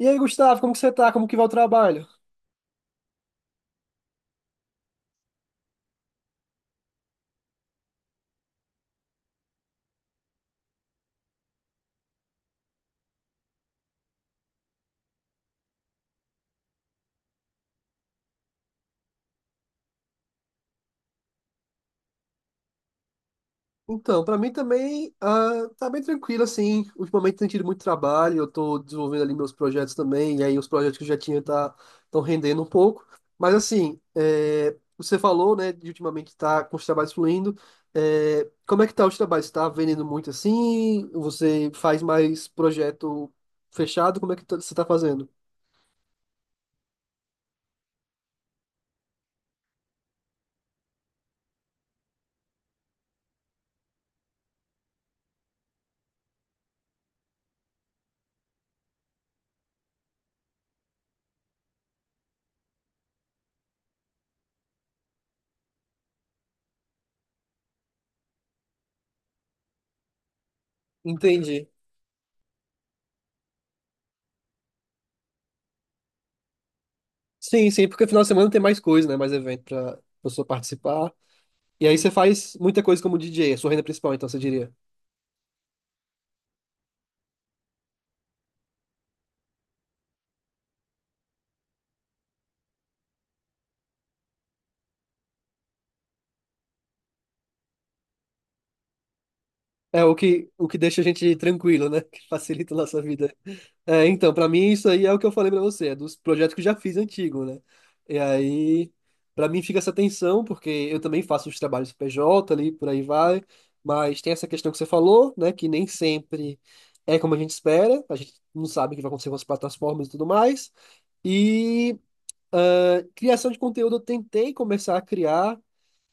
E aí, Gustavo, como que você tá? Como que vai o trabalho? Então, para mim também tá bem tranquilo, assim. Ultimamente tem tido muito trabalho, eu tô desenvolvendo ali meus projetos também, e aí os projetos que eu já tinha tá, estão rendendo um pouco. Mas assim, é, você falou, né, de ultimamente tá com os trabalhos fluindo. É, como é que tá os trabalhos? Tá vendendo muito assim? Você faz mais projeto fechado? Como é que você tá fazendo? Entendi. Sim, sim, porque final de semana tem mais coisa, né? Mais evento pra pessoa participar. E aí você faz muita coisa como DJ, a sua renda principal, então você diria. É o que deixa a gente tranquilo, né? Que facilita a nossa vida. É, então, pra mim isso aí é o que eu falei pra você, é dos projetos que eu já fiz antigo, né? E aí, pra mim fica essa tensão, porque eu também faço os trabalhos PJ ali, por aí vai, mas tem essa questão que você falou, né? Que nem sempre é como a gente espera, a gente não sabe o que vai acontecer com as plataformas e tudo mais. E criação de conteúdo eu tentei começar a criar,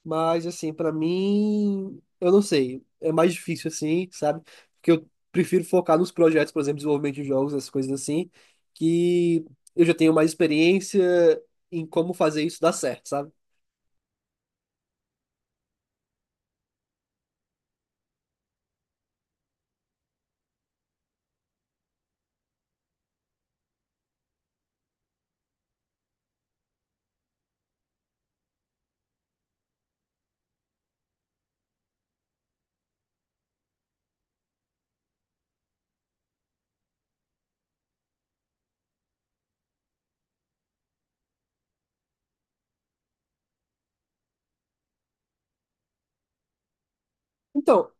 mas, assim, pra mim, eu não sei. É mais difícil, assim, sabe? Porque eu prefiro focar nos projetos, por exemplo, desenvolvimento de jogos, essas coisas assim, que eu já tenho mais experiência em como fazer isso dar certo, sabe? Então,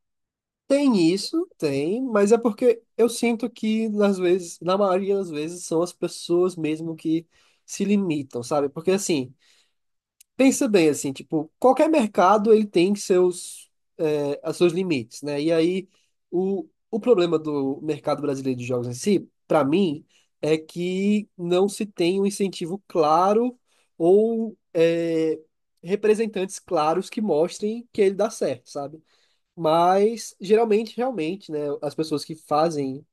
tem isso, tem, mas é porque eu sinto que, às vezes, na maioria das vezes, são as pessoas mesmo que se limitam, sabe? Porque, assim, pensa bem assim, tipo, qualquer mercado ele tem seus, é, as seus limites, né? E aí o problema do mercado brasileiro de jogos em si, para mim, é que não se tem um incentivo claro ou é, representantes claros que mostrem que ele dá certo, sabe? Mas geralmente, realmente, né? As pessoas que fazem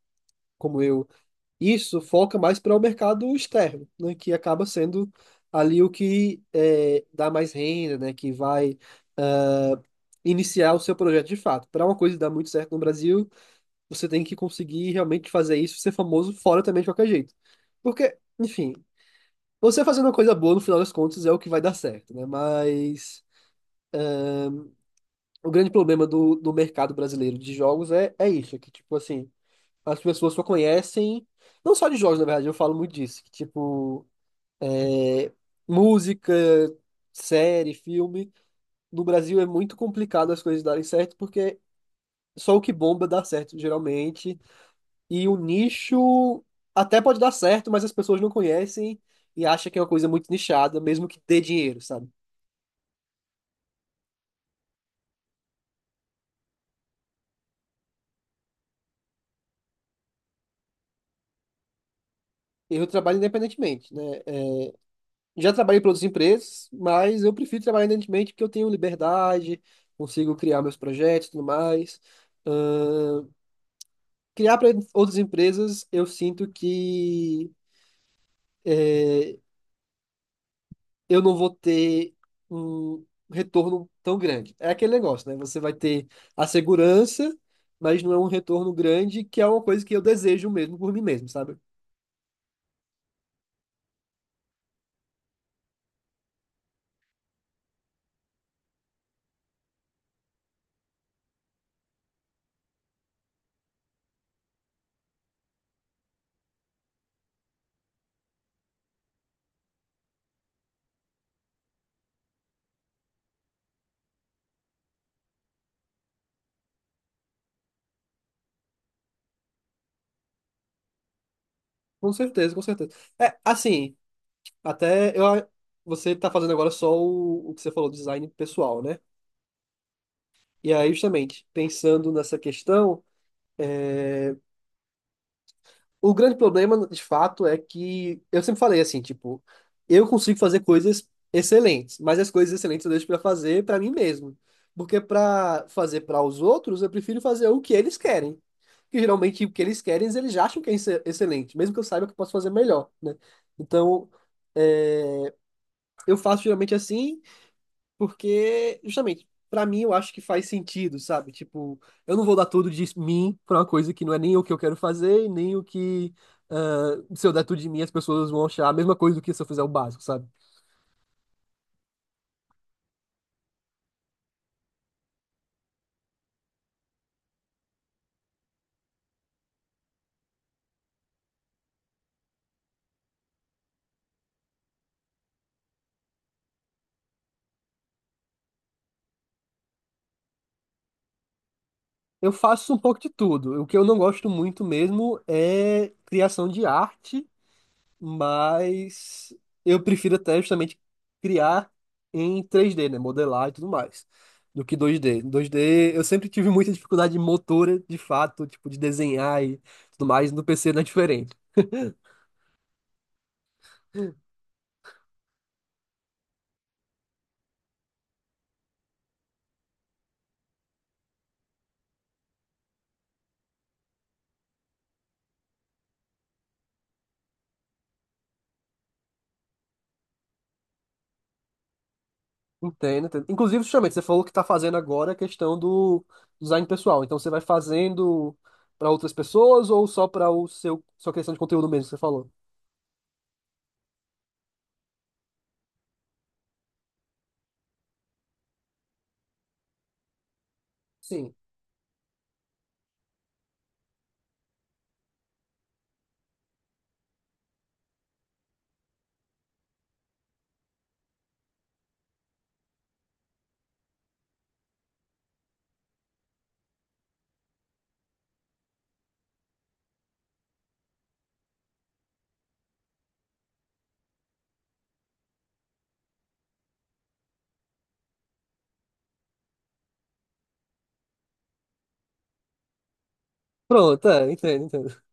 como eu isso foca mais para o mercado externo, né, que acaba sendo ali o que é, dá mais renda, né, que vai iniciar o seu projeto de fato. Para uma coisa dar muito certo no Brasil, você tem que conseguir realmente fazer isso, ser famoso fora também de qualquer jeito. Porque, enfim, você fazendo uma coisa boa, no final das contas, é o que vai dar certo, né? Mas o grande problema do mercado brasileiro de jogos é, é isso, é que, tipo assim, as pessoas só conhecem, não só de jogos, na verdade, eu falo muito disso, que, tipo, é, música, série, filme. No Brasil é muito complicado as coisas darem certo, porque só o que bomba dá certo, geralmente. E o nicho até pode dar certo, mas as pessoas não conhecem e acham que é uma coisa muito nichada, mesmo que dê dinheiro, sabe? Eu trabalho independentemente, né? É, já trabalhei para outras empresas, mas eu prefiro trabalhar independentemente porque eu tenho liberdade, consigo criar meus projetos e tudo mais. Ahn, Criar para outras empresas, eu sinto que eu não vou ter um retorno tão grande. É aquele negócio, né? Você vai ter a segurança, mas não é um retorno grande, que é uma coisa que eu desejo mesmo por mim mesmo, sabe? Com certeza, com certeza. É, assim, até eu, você tá fazendo agora só o que você falou, design pessoal, né? E aí, justamente, pensando nessa questão. O grande problema, de fato, é que eu sempre falei assim, tipo, eu consigo fazer coisas excelentes, mas as coisas excelentes eu deixo pra fazer pra mim mesmo. Porque pra fazer pra os outros, eu prefiro fazer o que eles querem. Que geralmente o que eles querem, eles já acham que é excelente, mesmo que eu saiba que eu posso fazer melhor, né? Então, é, eu faço geralmente assim porque, justamente, pra mim eu acho que faz sentido, sabe? Tipo, eu não vou dar tudo de mim pra uma coisa que não é nem o que eu quero fazer, e nem o que. Ah, se eu der tudo de mim, as pessoas vão achar a mesma coisa do que se eu fizer o básico, sabe? Eu faço um pouco de tudo. O que eu não gosto muito mesmo é criação de arte. Mas eu prefiro até justamente criar em 3D, né? Modelar e tudo mais, do que 2D. 2D, eu sempre tive muita dificuldade motora, de fato, tipo, de desenhar e tudo mais. No PC não é diferente. Entendo, entendo. Inclusive, justamente, você falou que está fazendo agora a questão do design pessoal. Então, você vai fazendo para outras pessoas ou só para o seu sua questão de conteúdo mesmo que você falou? Sim. Pronto, é, entendo, entendo.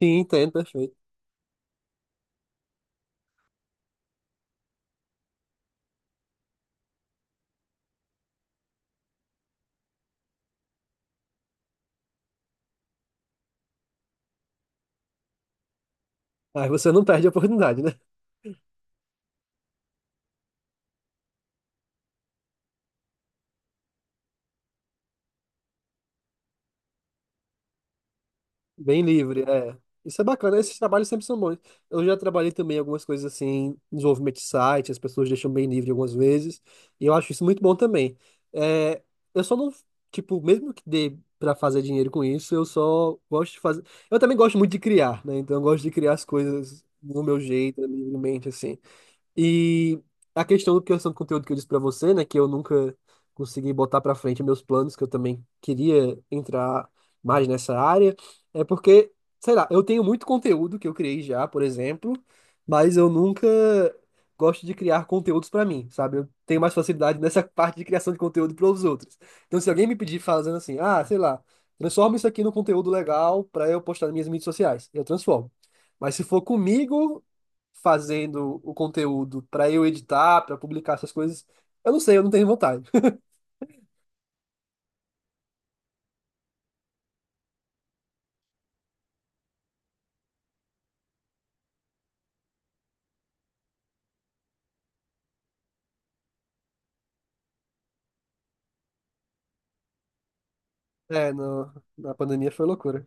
Sim, entendo, perfeito. Aí você não perde a oportunidade, né? Bem livre, é. Isso é bacana, esses trabalhos sempre são bons. Eu já trabalhei também algumas coisas assim, desenvolvimento de site, as pessoas deixam bem livre algumas vezes, e eu acho isso muito bom também. É, eu só não, tipo, mesmo que dê pra fazer dinheiro com isso, eu só gosto de fazer. Eu também gosto muito de criar, né? Então eu gosto de criar as coisas do meu jeito, livremente, assim. E a questão do criação de conteúdo que eu disse pra você, né, que eu nunca consegui botar pra frente meus planos, que eu também queria entrar mais nessa área, é porque, sei lá, eu tenho muito conteúdo que eu criei já, por exemplo, mas eu nunca gosto de criar conteúdos pra mim, sabe? Eu tenho mais facilidade nessa parte de criação de conteúdo para os outros. Então, se alguém me pedir fazendo assim, ah, sei lá, transforma isso aqui num conteúdo legal pra eu postar nas minhas mídias sociais, eu transformo. Mas se for comigo, fazendo o conteúdo pra eu editar, pra publicar essas coisas. Eu não sei, eu não tenho vontade. É, no, na pandemia foi loucura.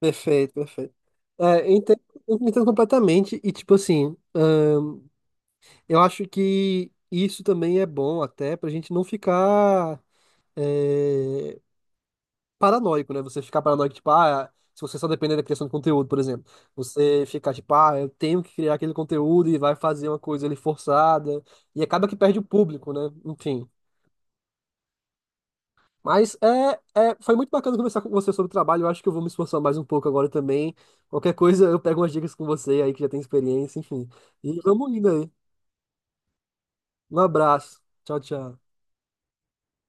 Perfeito, perfeito. É, eu entendo completamente e, tipo assim, eu acho que isso também é bom até pra gente não ficar é, paranoico, né? Você ficar paranoico, tipo, ah, se você só depender da criação de conteúdo, por exemplo. Você ficar, tipo, ah, eu tenho que criar aquele conteúdo e vai fazer uma coisa ali forçada. E acaba que perde o público, né? Enfim. Mas é, é, foi muito bacana conversar com você sobre o trabalho. Eu acho que eu vou me esforçar mais um pouco agora também. Qualquer coisa, eu pego umas dicas com você aí que já tem experiência, enfim. E vamos indo aí. Um abraço. Tchau, tchau.